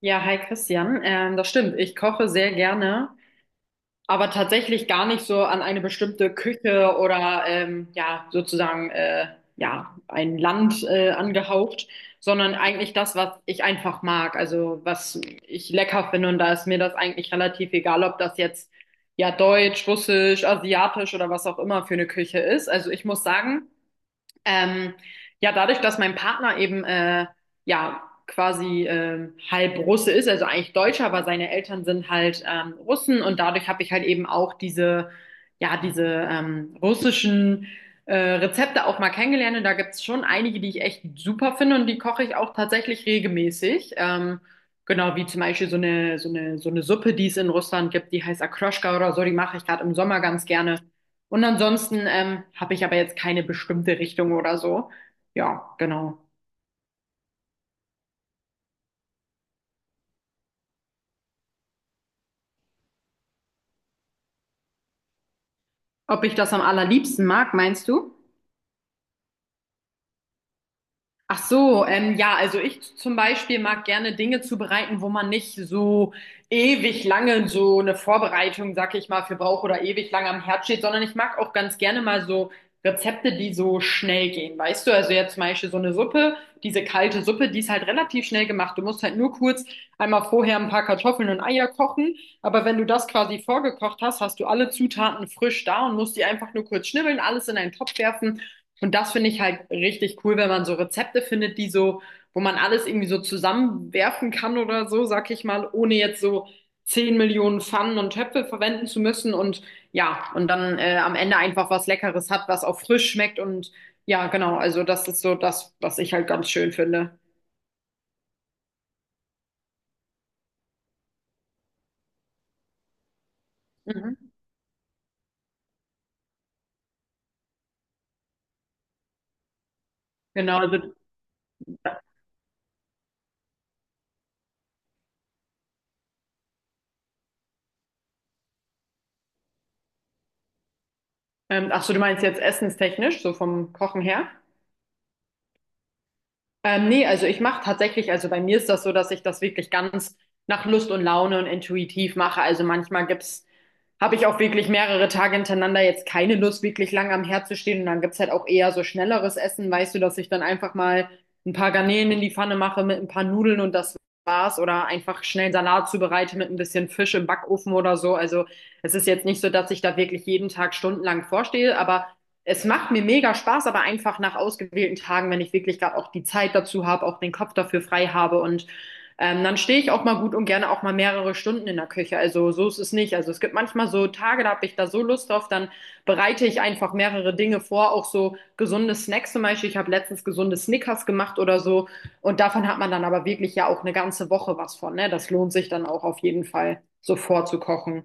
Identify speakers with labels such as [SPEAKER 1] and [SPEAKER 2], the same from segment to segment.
[SPEAKER 1] Ja, hi Christian. Das stimmt. Ich koche sehr gerne, aber tatsächlich gar nicht so an eine bestimmte Küche oder ja, sozusagen ja, ein Land angehaucht, sondern eigentlich das, was ich einfach mag, also was ich lecker finde und da ist mir das eigentlich relativ egal, ob das jetzt ja deutsch, russisch, asiatisch oder was auch immer für eine Küche ist. Also ich muss sagen, ähm, ja, dadurch, dass mein Partner eben ja quasi halb Russe ist, also eigentlich Deutscher, aber seine Eltern sind halt Russen und dadurch habe ich halt eben auch diese ja diese russischen Rezepte auch mal kennengelernt und da gibt's schon einige, die ich echt super finde und die koche ich auch tatsächlich regelmäßig. Genau, wie zum Beispiel so eine Suppe, die es in Russland gibt, die heißt Akroschka oder so, die mache ich gerade im Sommer ganz gerne. Und ansonsten habe ich aber jetzt keine bestimmte Richtung oder so. Ja, genau. Ob ich das am allerliebsten mag, meinst du? Ach so, ja, also ich zum Beispiel mag gerne Dinge zubereiten, wo man nicht so ewig lange so eine Vorbereitung, sag ich mal, für braucht oder ewig lange am Herd steht, sondern ich mag auch ganz gerne mal so Rezepte, die so schnell gehen, weißt du? Also jetzt zum Beispiel so eine Suppe, diese kalte Suppe, die ist halt relativ schnell gemacht. Du musst halt nur kurz einmal vorher ein paar Kartoffeln und Eier kochen, aber wenn du das quasi vorgekocht hast, hast du alle Zutaten frisch da und musst die einfach nur kurz schnibbeln, alles in einen Topf werfen. Und das finde ich halt richtig cool, wenn man so Rezepte findet, die so, wo man alles irgendwie so zusammenwerfen kann oder so, sag ich mal, ohne jetzt so 10 Millionen Pfannen und Töpfe verwenden zu müssen und ja, und dann am Ende einfach was Leckeres hat, was auch frisch schmeckt und ja, genau, also das ist so das, was ich halt ganz schön finde. Mhm. Genau, also, ach so, du meinst jetzt essenstechnisch, so vom Kochen her? Nee, also ich mache tatsächlich, also bei mir ist das so, dass ich das wirklich ganz nach Lust und Laune und intuitiv mache. Also manchmal gibt's, habe ich auch wirklich mehrere Tage hintereinander jetzt keine Lust, wirklich lang am Herd zu stehen. Und dann gibt's halt auch eher so schnelleres Essen, weißt du, dass ich dann einfach mal ein paar Garnelen in die Pfanne mache mit ein paar Nudeln und das war's. Oder einfach schnell einen Salat zubereite mit ein bisschen Fisch im Backofen oder so. Also es ist jetzt nicht so, dass ich da wirklich jeden Tag stundenlang vorstehe, aber es macht mir mega Spaß, aber einfach nach ausgewählten Tagen, wenn ich wirklich gerade auch die Zeit dazu habe, auch den Kopf dafür frei habe und dann stehe ich auch mal gut und gerne auch mal mehrere Stunden in der Küche. Also so ist es nicht. Also es gibt manchmal so Tage, da habe ich da so Lust drauf, dann bereite ich einfach mehrere Dinge vor, auch so gesunde Snacks zum Beispiel. Ich habe letztens gesunde Snickers gemacht oder so und davon hat man dann aber wirklich ja auch eine ganze Woche was von, ne? Das lohnt sich dann auch auf jeden Fall, so vorzukochen.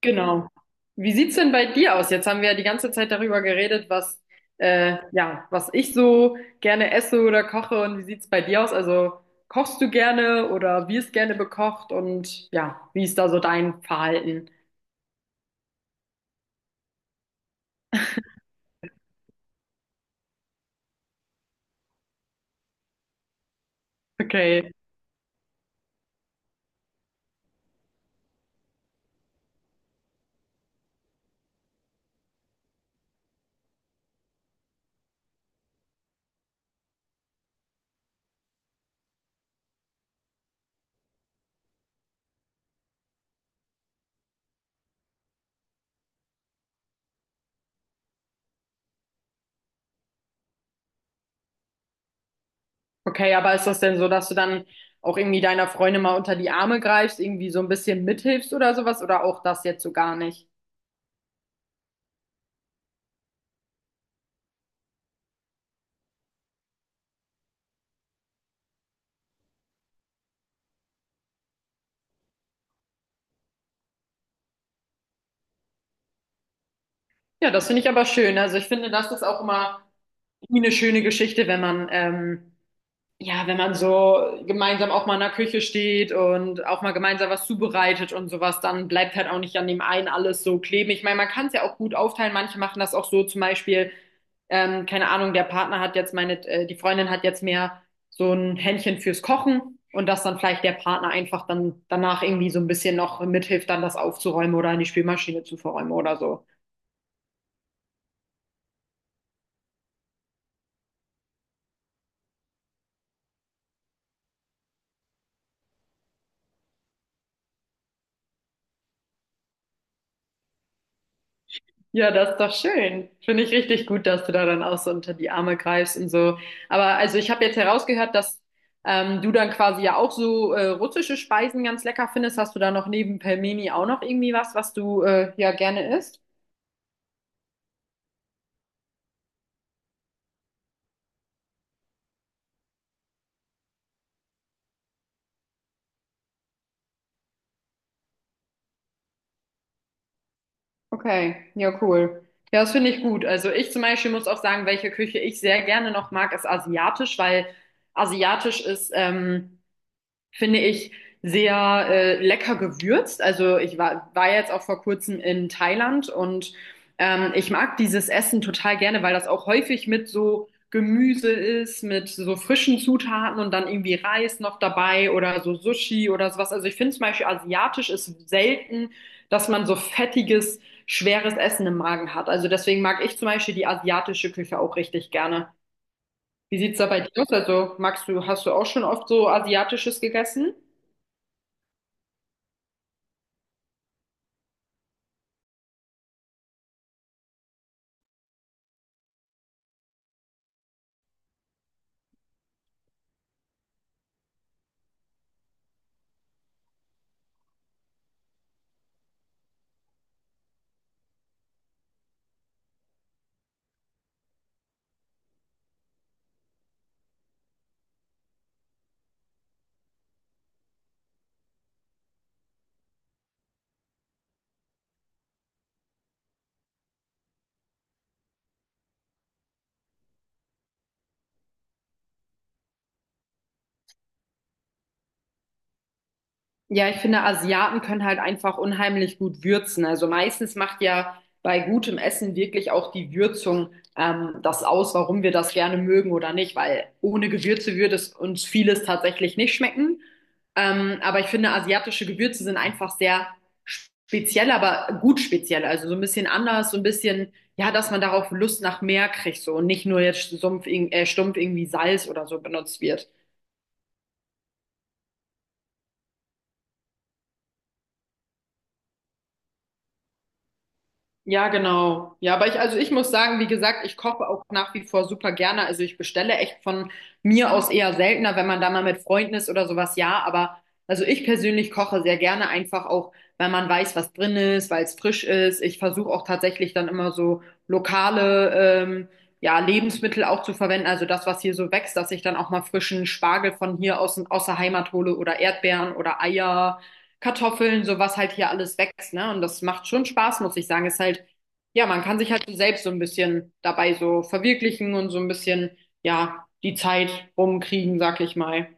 [SPEAKER 1] Genau. Wie sieht's denn bei dir aus? Jetzt haben wir ja die ganze Zeit darüber geredet, was ja, was ich so gerne esse oder koche und wie sieht's bei dir aus? Also kochst du gerne oder wirst gerne bekocht und ja, wie ist da so dein Verhalten? Okay. Okay, aber ist das denn so, dass du dann auch irgendwie deiner Freundin mal unter die Arme greifst, irgendwie so ein bisschen mithilfst oder sowas oder auch das jetzt so gar nicht? Ja, das finde ich aber schön. Also ich finde, das ist auch immer irgendwie eine schöne Geschichte, wenn man ja, wenn man so gemeinsam auch mal in der Küche steht und auch mal gemeinsam was zubereitet und sowas, dann bleibt halt auch nicht an dem einen alles so kleben. Ich meine, man kann es ja auch gut aufteilen. Manche machen das auch so, zum Beispiel, keine Ahnung, der Partner hat jetzt meine, die Freundin hat jetzt mehr so ein Händchen fürs Kochen und dass dann vielleicht der Partner einfach dann danach irgendwie so ein bisschen noch mithilft, dann das aufzuräumen oder in die Spülmaschine zu verräumen oder so. Ja, das ist doch schön. Finde ich richtig gut, dass du da dann auch so unter die Arme greifst und so. Aber also ich habe jetzt herausgehört, dass du dann quasi ja auch so russische Speisen ganz lecker findest. Hast du da noch neben Pelmeni auch noch irgendwie was, was du ja gerne isst? Okay, ja, cool. Ja, das finde ich gut. Also ich zum Beispiel muss auch sagen, welche Küche ich sehr gerne noch mag, ist asiatisch, weil asiatisch ist finde ich, sehr lecker gewürzt. Also war jetzt auch vor kurzem in Thailand und ich mag dieses Essen total gerne, weil das auch häufig mit so Gemüse ist, mit so frischen Zutaten und dann irgendwie Reis noch dabei oder so Sushi oder sowas. Also ich finde zum Beispiel asiatisch ist selten, dass man so fettiges, schweres Essen im Magen hat. Also deswegen mag ich zum Beispiel die asiatische Küche auch richtig gerne. Wie sieht's da bei dir aus? Also magst du, hast du auch schon oft so asiatisches gegessen? Ja, ich finde, Asiaten können halt einfach unheimlich gut würzen. Also meistens macht ja bei gutem Essen wirklich auch die Würzung das aus, warum wir das gerne mögen oder nicht, weil ohne Gewürze würde es uns vieles tatsächlich nicht schmecken. Aber ich finde, asiatische Gewürze sind einfach sehr speziell, aber gut speziell. Also so ein bisschen anders, so ein bisschen, ja, dass man darauf Lust nach mehr kriegt so und nicht nur jetzt stumpf, stumpf irgendwie Salz oder so benutzt wird. Ja, genau. Ja, aber ich, also ich muss sagen, wie gesagt, ich koche auch nach wie vor super gerne. Also ich bestelle echt von mir aus eher seltener, wenn man da mal mit Freunden ist oder sowas, ja. Aber also ich persönlich koche sehr gerne einfach auch, weil man weiß, was drin ist, weil es frisch ist. Ich versuche auch tatsächlich dann immer so lokale, ja, Lebensmittel auch zu verwenden. Also das, was hier so wächst, dass ich dann auch mal frischen Spargel von hier aus, aus der Heimat hole oder Erdbeeren oder Eier. Kartoffeln, so was halt hier alles wächst, ne? Und das macht schon Spaß, muss ich sagen. Ist halt, ja, man kann sich halt so selbst so ein bisschen dabei so verwirklichen und so ein bisschen, ja, die Zeit rumkriegen, sag ich mal.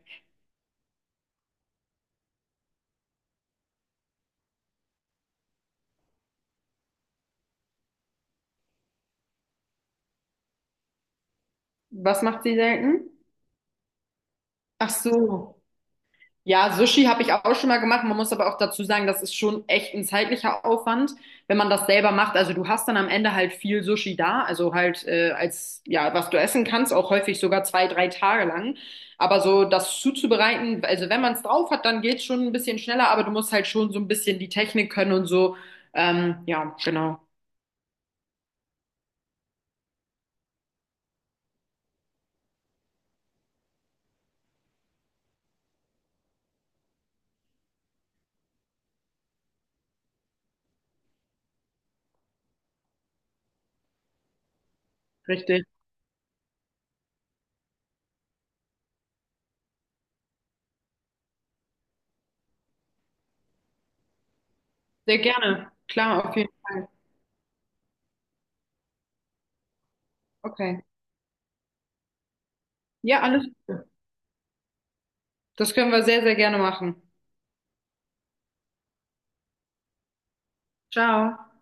[SPEAKER 1] Was macht sie selten? Ach so. Ja, Sushi habe ich auch schon mal gemacht. Man muss aber auch dazu sagen, das ist schon echt ein zeitlicher Aufwand, wenn man das selber macht. Also du hast dann am Ende halt viel Sushi da, also halt als ja, was du essen kannst, auch häufig sogar zwei, drei Tage lang. Aber so das zuzubereiten, also wenn man es drauf hat, dann geht's schon ein bisschen schneller, aber du musst halt schon so ein bisschen die Technik können und so. Ja, genau, richtig. Sehr gerne. Klar, auf jeden Fall. Okay. Ja, alles Gute. Das können wir sehr, sehr gerne machen. Ciao.